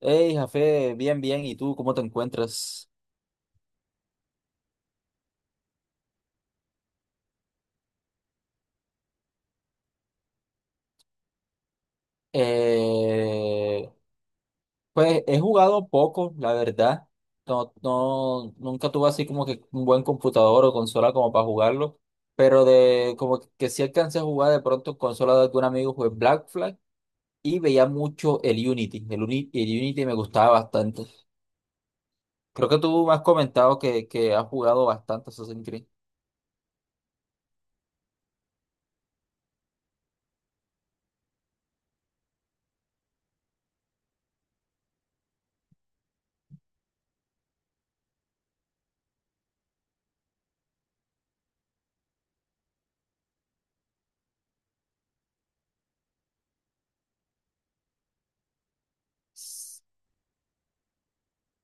Hey, Jafé, bien, bien. ¿Y tú cómo te encuentras? Eh, pues he jugado poco, la verdad. No, no, nunca tuve así como que un buen computador o consola como para jugarlo. Pero de como que sí alcancé a jugar de pronto en consola de algún amigo, jugué Black Flag y veía mucho el Unity. El Unity me gustaba bastante. Creo que tú me has comentado que has jugado bastante Assassin's Creed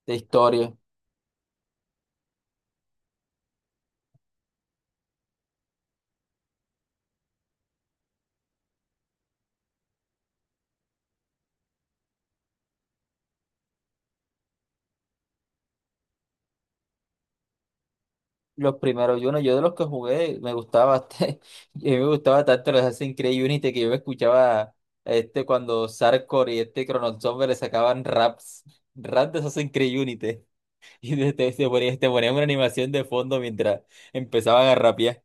de historia. Los primeros Uno, yo de los que jugué me gustaba bastante, y a mí me gustaba tanto los Assassin's Creed Unity que yo me escuchaba este cuando Sarkor y este Chrono Trigger le sacaban raps, raps de Assassin's Creed Unity y te ponían una animación de fondo mientras empezaban a rapear.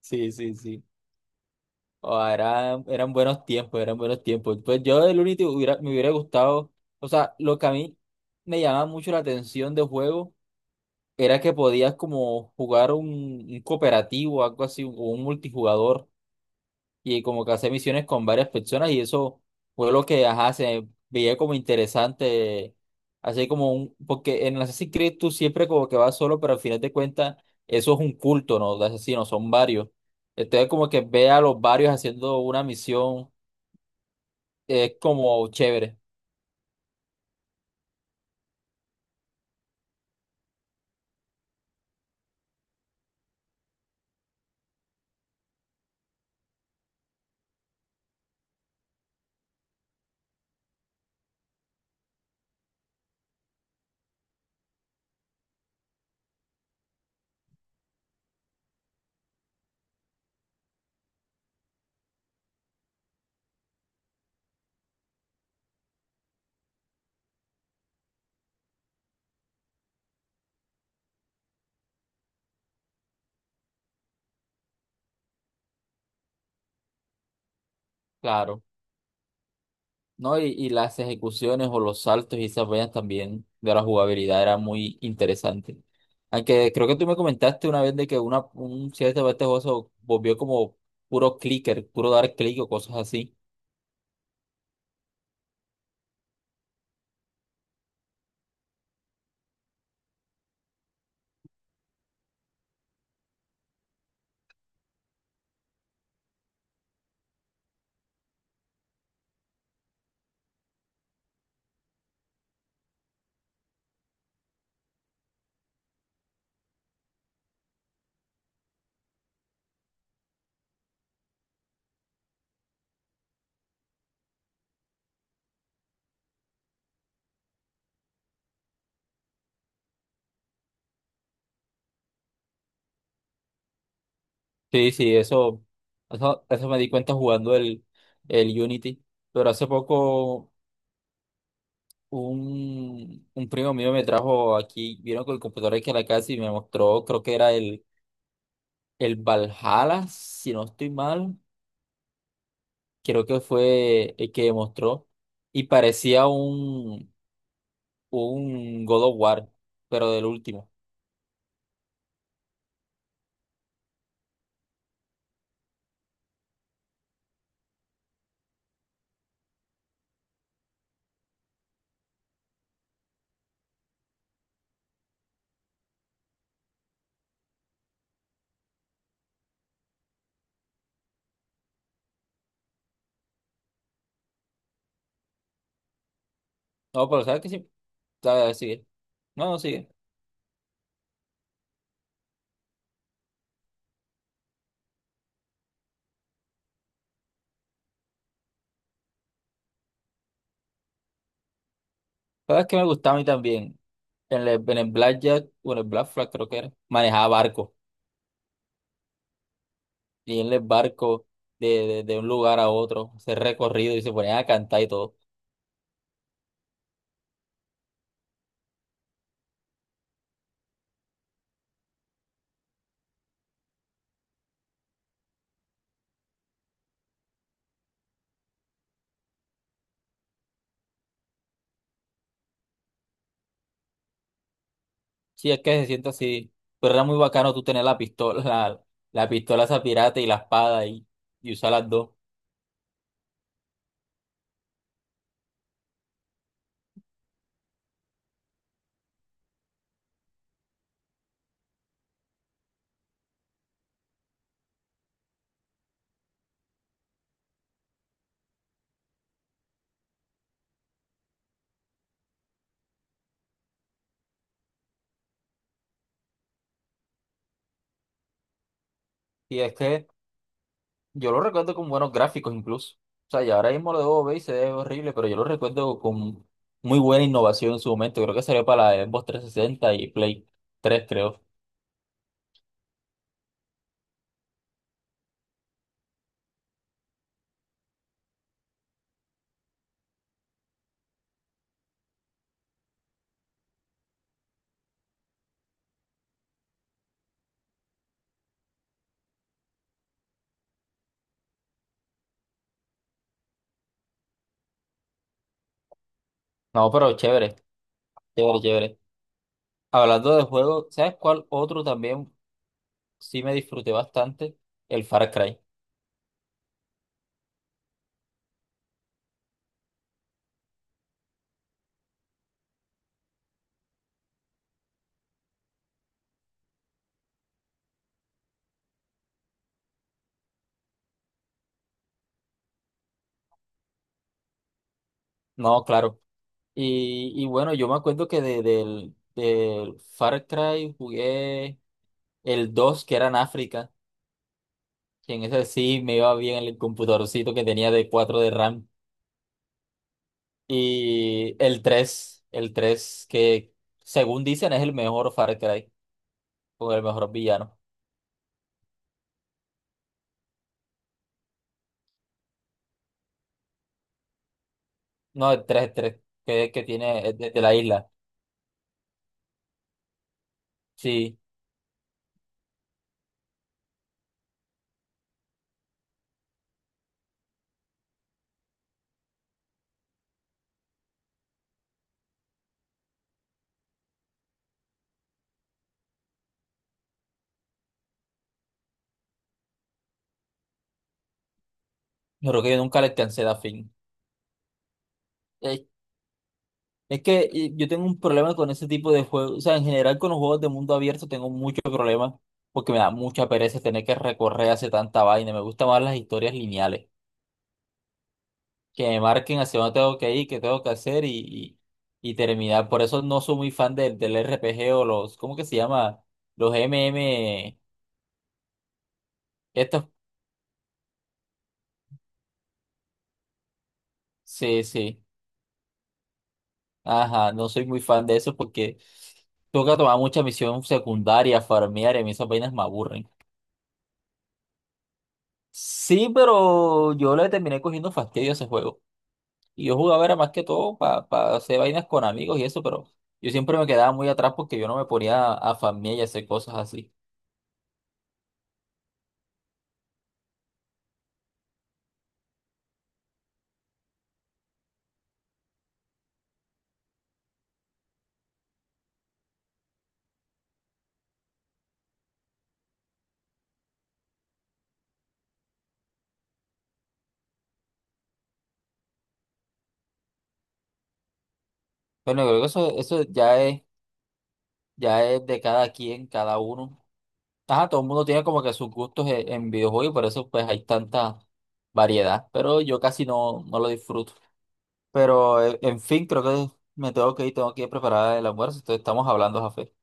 Sí, sí, sí. Oh, eran buenos tiempos, eran buenos tiempos. Pues yo del Unity hubiera, me hubiera gustado, o sea, lo que a mí me llamaba mucho la atención de juego era que podías como jugar un cooperativo, algo así, o un multijugador, y como que hacer misiones con varias personas, y eso fue lo que, ajá, se veía como interesante, así como un, porque en Assassin's Creed tú siempre como que vas solo, pero al final de cuentas eso es un culto, ¿no? De asesinos, son varios. Entonces como que ve a los varios haciendo una misión, es como chévere, claro. ¿No? Y las ejecuciones o los saltos y esas vainas también de la jugabilidad era muy interesante. Aunque creo que tú me comentaste una vez de que una, un cierto parte de este juego se volvió como puro clicker, puro dar clic o cosas así. Sí, sí, eso me di cuenta jugando el Unity. Pero hace poco un primo mío me trajo aquí, vino con el computador aquí a la casa y me mostró, creo que era el Valhalla, si no estoy mal. Creo que fue el que demostró, y parecía un God of War, pero del último. No, pero sabes que sí, sabes, sigue. No, no sigue. Sabes que me gustaba a mí también. En el Blackjack, o en el Black Flag creo que era, manejaba barco. Y en el barco de un lugar a otro, ese recorrido y se ponían a cantar y todo. Sí, es que se siente así. Pero era muy bacano tú tener la pistola, la pistola esa pirata y la espada y usar las dos. Y es que yo lo recuerdo con buenos gráficos incluso. O sea, y ahora mismo lo debo ver y se ve horrible, pero yo lo recuerdo con muy buena innovación en su momento. Creo que salió para la Xbox 360 y Play 3, creo. No, pero chévere, chévere, chévere. Hablando de juegos, ¿sabes cuál otro también sí me disfruté bastante? El Far Cry. No, claro. Y bueno, yo me acuerdo que del Far Cry jugué el 2 que era en África, que en ese sí me iba bien el computadorcito que tenía de 4 de RAM. Y el tres, el 3 que según dicen es el mejor Far Cry, o el mejor villano. No, el tres, el tres que tiene el de la isla. Sí, yo creo que yo nunca le alcancé a dar fin. Eh, Es que yo tengo un problema con ese tipo de juegos. O sea, en general con los juegos de mundo abierto tengo muchos problemas porque me da mucha pereza tener que recorrer hacia tanta vaina. Me gustan más las historias lineales, que me marquen hacia dónde tengo que ir, qué tengo que hacer y terminar. Por eso no soy muy fan del RPG o los, ¿cómo que se llama? Los MM, estos, sí, sí, ajá, no soy muy fan de eso porque toca tomar mucha misión secundaria, farmear y a mí esas vainas me aburren. Sí, pero yo le terminé cogiendo fastidio a ese juego. Y yo jugaba era más que todo para hacer vainas con amigos y eso, pero yo siempre me quedaba muy atrás porque yo no me ponía a farmear y a hacer cosas así. Bueno, creo que eso ya es ya es de cada quien, cada uno. Ajá, todo el mundo tiene como que sus gustos en videojuegos y por eso pues hay tanta variedad. Pero yo casi no, no lo disfruto. Pero en fin, creo que me tengo que ir preparada el almuerzo. Entonces estamos hablando, Jafé.